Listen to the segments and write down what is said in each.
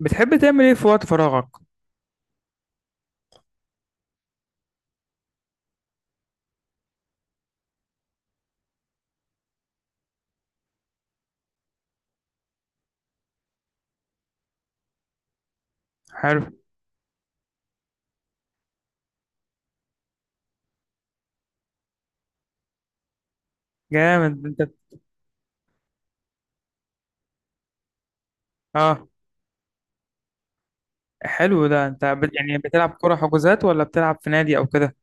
بتحب تعمل ايه في وقت فراغك؟ حلو. جامد انت. اه. حلو، ده انت يعني بتلعب كرة حجوزات ولا بتلعب في نادي او كده؟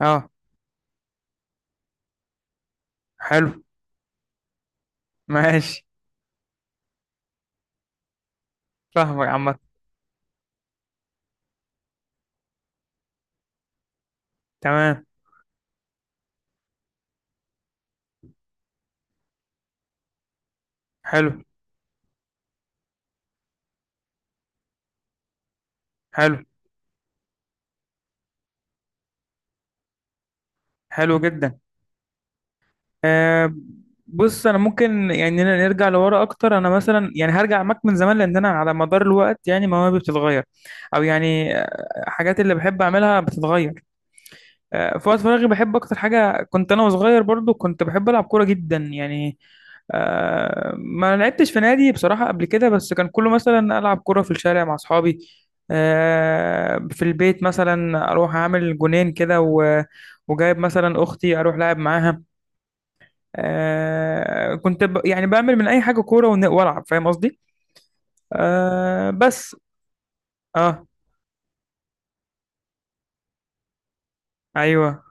اه. حلو. ماشي. فاهمك عامة. تمام. حلو. حلو، حلو جدا. آه بص، انا ممكن يعني نرجع لورا اكتر. انا مثلا يعني هرجع معاك من زمان، لان انا على مدار الوقت يعني مواهبي بتتغير. او يعني حاجات اللي بحب اعملها بتتغير. في وقت فراغي بحب اكتر حاجه، كنت انا وصغير برضو كنت بحب العب كوره جدا يعني. ما لعبتش في نادي بصراحه قبل كده، بس كان كله مثلا العب كوره في الشارع مع اصحابي. في البيت مثلا اروح اعمل جونين كده وجايب مثلا اختي، اروح لعب معاها. كنت يعني بعمل من اي حاجه كوره والعب، فاهم قصدي؟ آه، بس. اه ايوه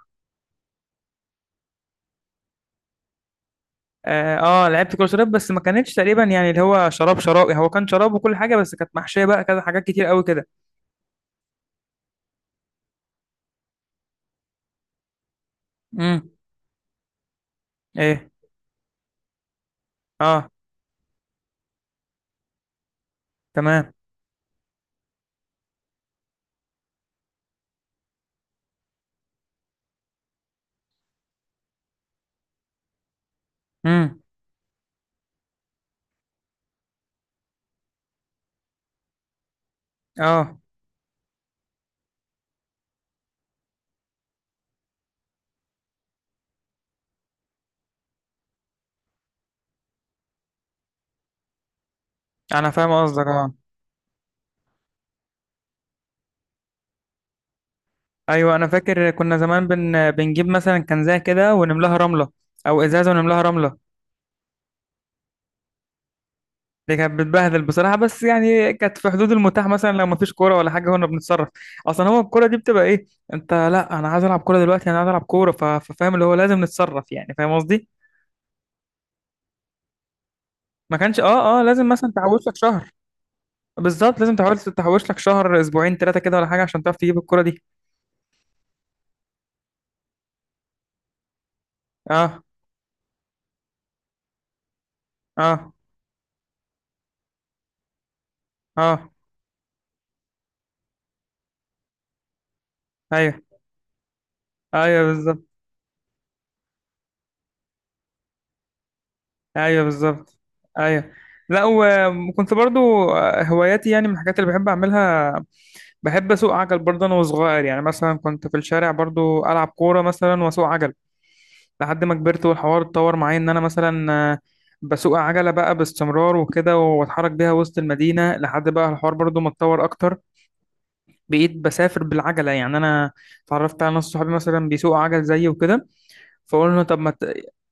اه. لعبت كره شراب، بس ما كانتش تقريبا يعني اللي هو شراب شراب، يعني هو كان شراب وكل حاجه بس كانت محشيه بقى كذا حاجات كتير قوي كده. امم. ايه. اه. تمام. امم. اه. انا فاهم قصدك. اه. ايوه، انا فاكر كنا زمان بنجيب مثلا كنزه كده ونملاها رمله، او ازازه ونملاها رمله. دي كانت بتبهدل بصراحه، بس يعني كانت في حدود المتاح، مثلا لو مفيش كوره ولا حاجه كنا بنتصرف. اصلا هو الكوره دي بتبقى ايه؟ انت، لا انا عايز العب كوره دلوقتي، انا عايز العب كوره ففاهم اللي هو لازم نتصرف، يعني فاهم قصدي. ما كانش، اه، اه، لازم مثلا تحوش لك شهر. بالظبط، لازم تحاول تحوش لك شهر، اسبوعين، ثلاثه كده ولا حاجه، عشان تعرف تجيب الكرة دي. اه. اه. اه. ايوه. ايوه بالظبط. ايوه بالظبط. ايوه. لا، وكنت برضو هواياتي، يعني من الحاجات اللي بحب اعملها. بحب اسوق عجل برضه انا وصغير، يعني مثلا كنت في الشارع برضو العب كوره مثلا واسوق عجل. لحد ما كبرت والحوار اتطور معايا، ان انا مثلا بسوق عجله بقى باستمرار وكده، واتحرك بيها وسط المدينه، لحد بقى الحوار برضو ما اتطور اكتر. بقيت بسافر بالعجله يعني انا. اتعرفت على ناس صحابي مثلا بيسوقوا عجل زيي وكده. فقلنا طب ما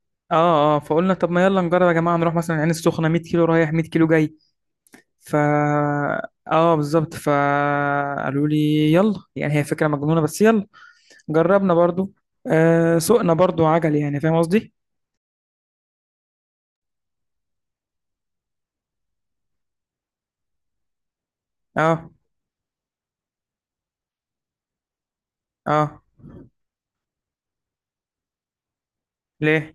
اه، اه، فقلنا طب ما يلا نجرب يا جماعه، نروح مثلا العين السخنه 100 كيلو رايح 100 كيلو جاي. ف اه بالظبط، فقالوا لي يلا، يعني هي فكره مجنونه بس يلا. جربنا برضو. سوقنا برضو عجل، يعني فاهم قصدي؟ اه. اه. ليه؟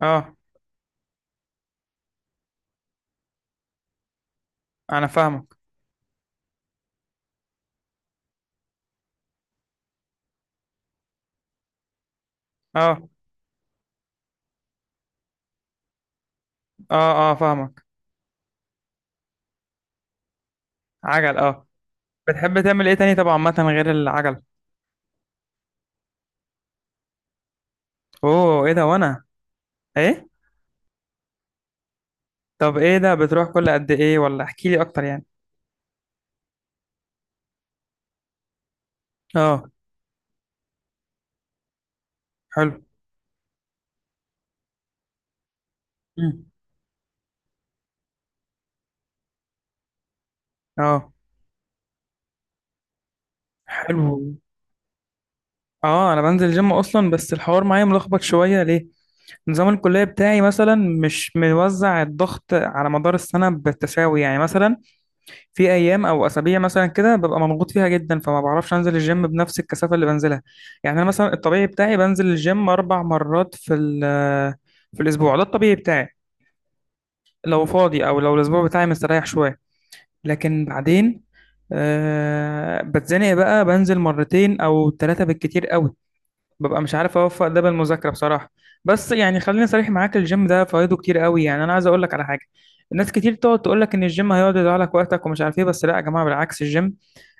اه. انا فاهمك. اه. اه. اه فاهمك. عجل، اه. بتحب تعمل ايه تاني طبعا، عامه غير العجل؟ اوه، ايه ده؟ وانا. ايه. طب ايه ده، بتروح كل قد ايه ولا احكي لي اكتر يعني؟ اه. حلو. مم. اه. حلو. اه، انا بنزل جيم اصلا، بس الحوار معايا ملخبط شويه، ليه؟ نظام الكليه بتاعي مثلا مش موزع الضغط على مدار السنه بالتساوي، يعني مثلا في ايام او اسابيع مثلا كده ببقى مضغوط فيها جدا، فما بعرفش انزل الجيم بنفس الكثافه اللي بنزلها. يعني انا مثلا الطبيعي بتاعي بنزل الجيم اربع مرات في الاسبوع، ده الطبيعي بتاعي لو فاضي، او لو الاسبوع بتاعي مستريح شويه. لكن بعدين بتزنق بقى، بنزل مرتين او ثلاثة بالكتير قوي، ببقى مش عارف اوفق ده بالمذاكرة بصراحة. بس يعني خليني صريح معاك، الجيم ده فوائده كتير قوي، يعني انا عايز اقول لك على حاجة. الناس كتير تقعد تقول لك ان الجيم هيقعد يضيع لك وقتك ومش عارف ايه، بس لا يا جماعة، بالعكس الجيم.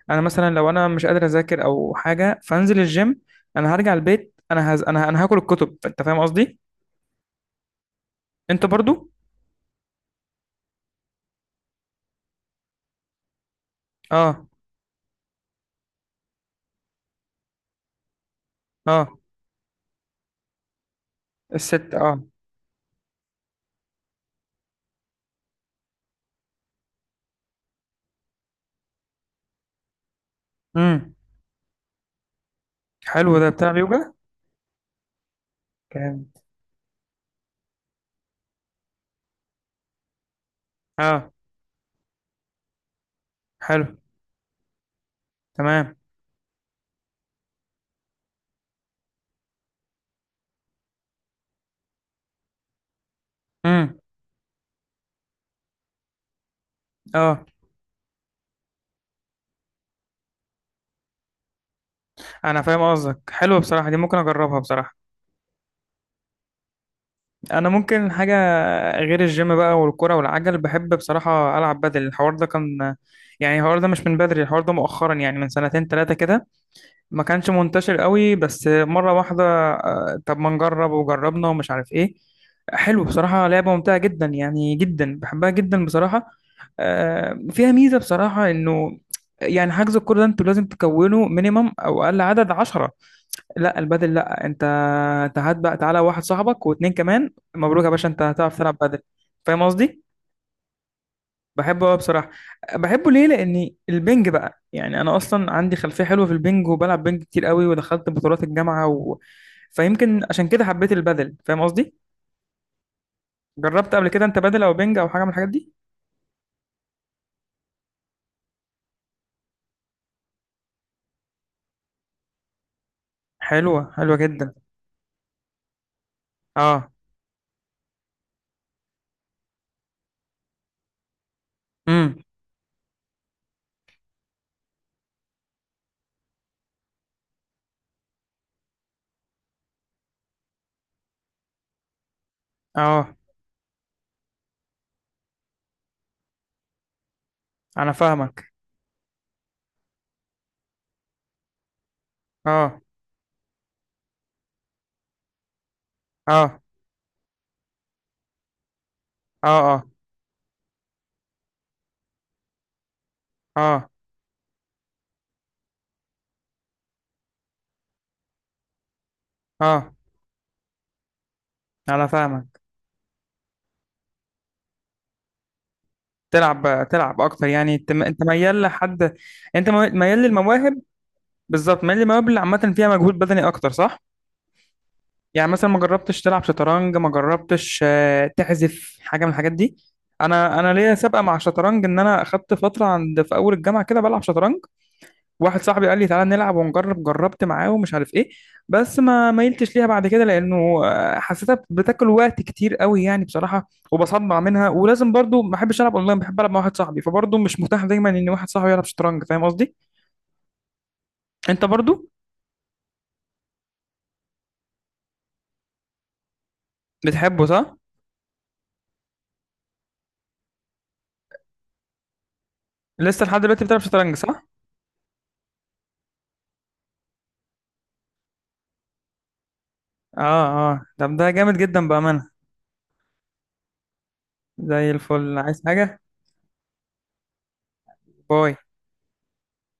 انا مثلا لو انا مش قادر اذاكر او حاجة فانزل الجيم. انا هرجع البيت، انا هز... انا انا هاكل الكتب، انت فاهم قصدي. انت برضو؟ اه. اه الست، اه. امم. حلو ده بتاع اليوجا؟ كام؟ اه. حلو. تمام. امم. اه، انا فاهم قصدك، حلوه بصراحه، دي ممكن اجربها بصراحه. انا ممكن حاجه. غير الجيم بقى والكرة والعجل، بحب بصراحه العب بدل. الحوار ده كان، يعني الحوار ده مش من بدري، الحوار ده مؤخرا، يعني من سنتين ثلاثه كده ما كانش منتشر قوي، بس مره واحده طب ما نجرب، وجربنا ومش عارف ايه. حلو بصراحه، لعبه ممتعه جدا، يعني جدا بحبها جدا بصراحه. فيها ميزه بصراحه، انه يعني حجز الكوره ده، انتوا لازم تكونوا مينيمم او اقل عدد 10. لا البدل، لا انت، انت هات بقى، تعالى واحد صاحبك واتنين كمان، مبروك يا باشا انت هتعرف تلعب بدل. فاهم قصدي. بحبه قوي بصراحه. بحبه ليه؟ لاني البنج بقى، يعني انا اصلا عندي خلفيه حلوه في البنج، وبلعب بنج كتير قوي، ودخلت بطولات الجامعه فيمكن عشان كده حبيت البدل، فاهم قصدي. جربت قبل كده انت بدل او بنج او حاجه من الحاجات دي؟ حلوه، حلوه جدا. اه. امم. اه. انا فاهمك. اه. اه. اه. اه. اه. اه. انا فاهمك. تلعب اكتر، يعني انت ميال لحد. انت ميال للمواهب. بالظبط، ميال للمواهب اللي عامه فيها مجهود بدني اكتر، صح؟ يعني مثلا ما جربتش تلعب شطرنج، ما جربتش تحذف حاجه من الحاجات دي؟ انا ليا سابقه مع الشطرنج، ان انا اخدت فتره عند في اول الجامعه كده بلعب شطرنج. واحد صاحبي قال لي تعالى نلعب ونجرب، جربت معاه ومش عارف ايه. بس ما ميلتش ليها بعد كده لانه حسيتها بتاكل وقت كتير قوي، يعني بصراحه وبصدع منها، ولازم برضو ما بحبش العب اونلاين، بحب العب مع واحد صاحبي، فبرضو مش متاح دايما ان واحد صاحبي يلعب شطرنج، فاهم قصدي؟ انت برضو؟ بتحبه صح؟ لسه لحد دلوقتي بتلعب شطرنج صح؟ اه، اه، طب ده جامد جدا بامانه. زي الفل، عايز حاجه؟ باي.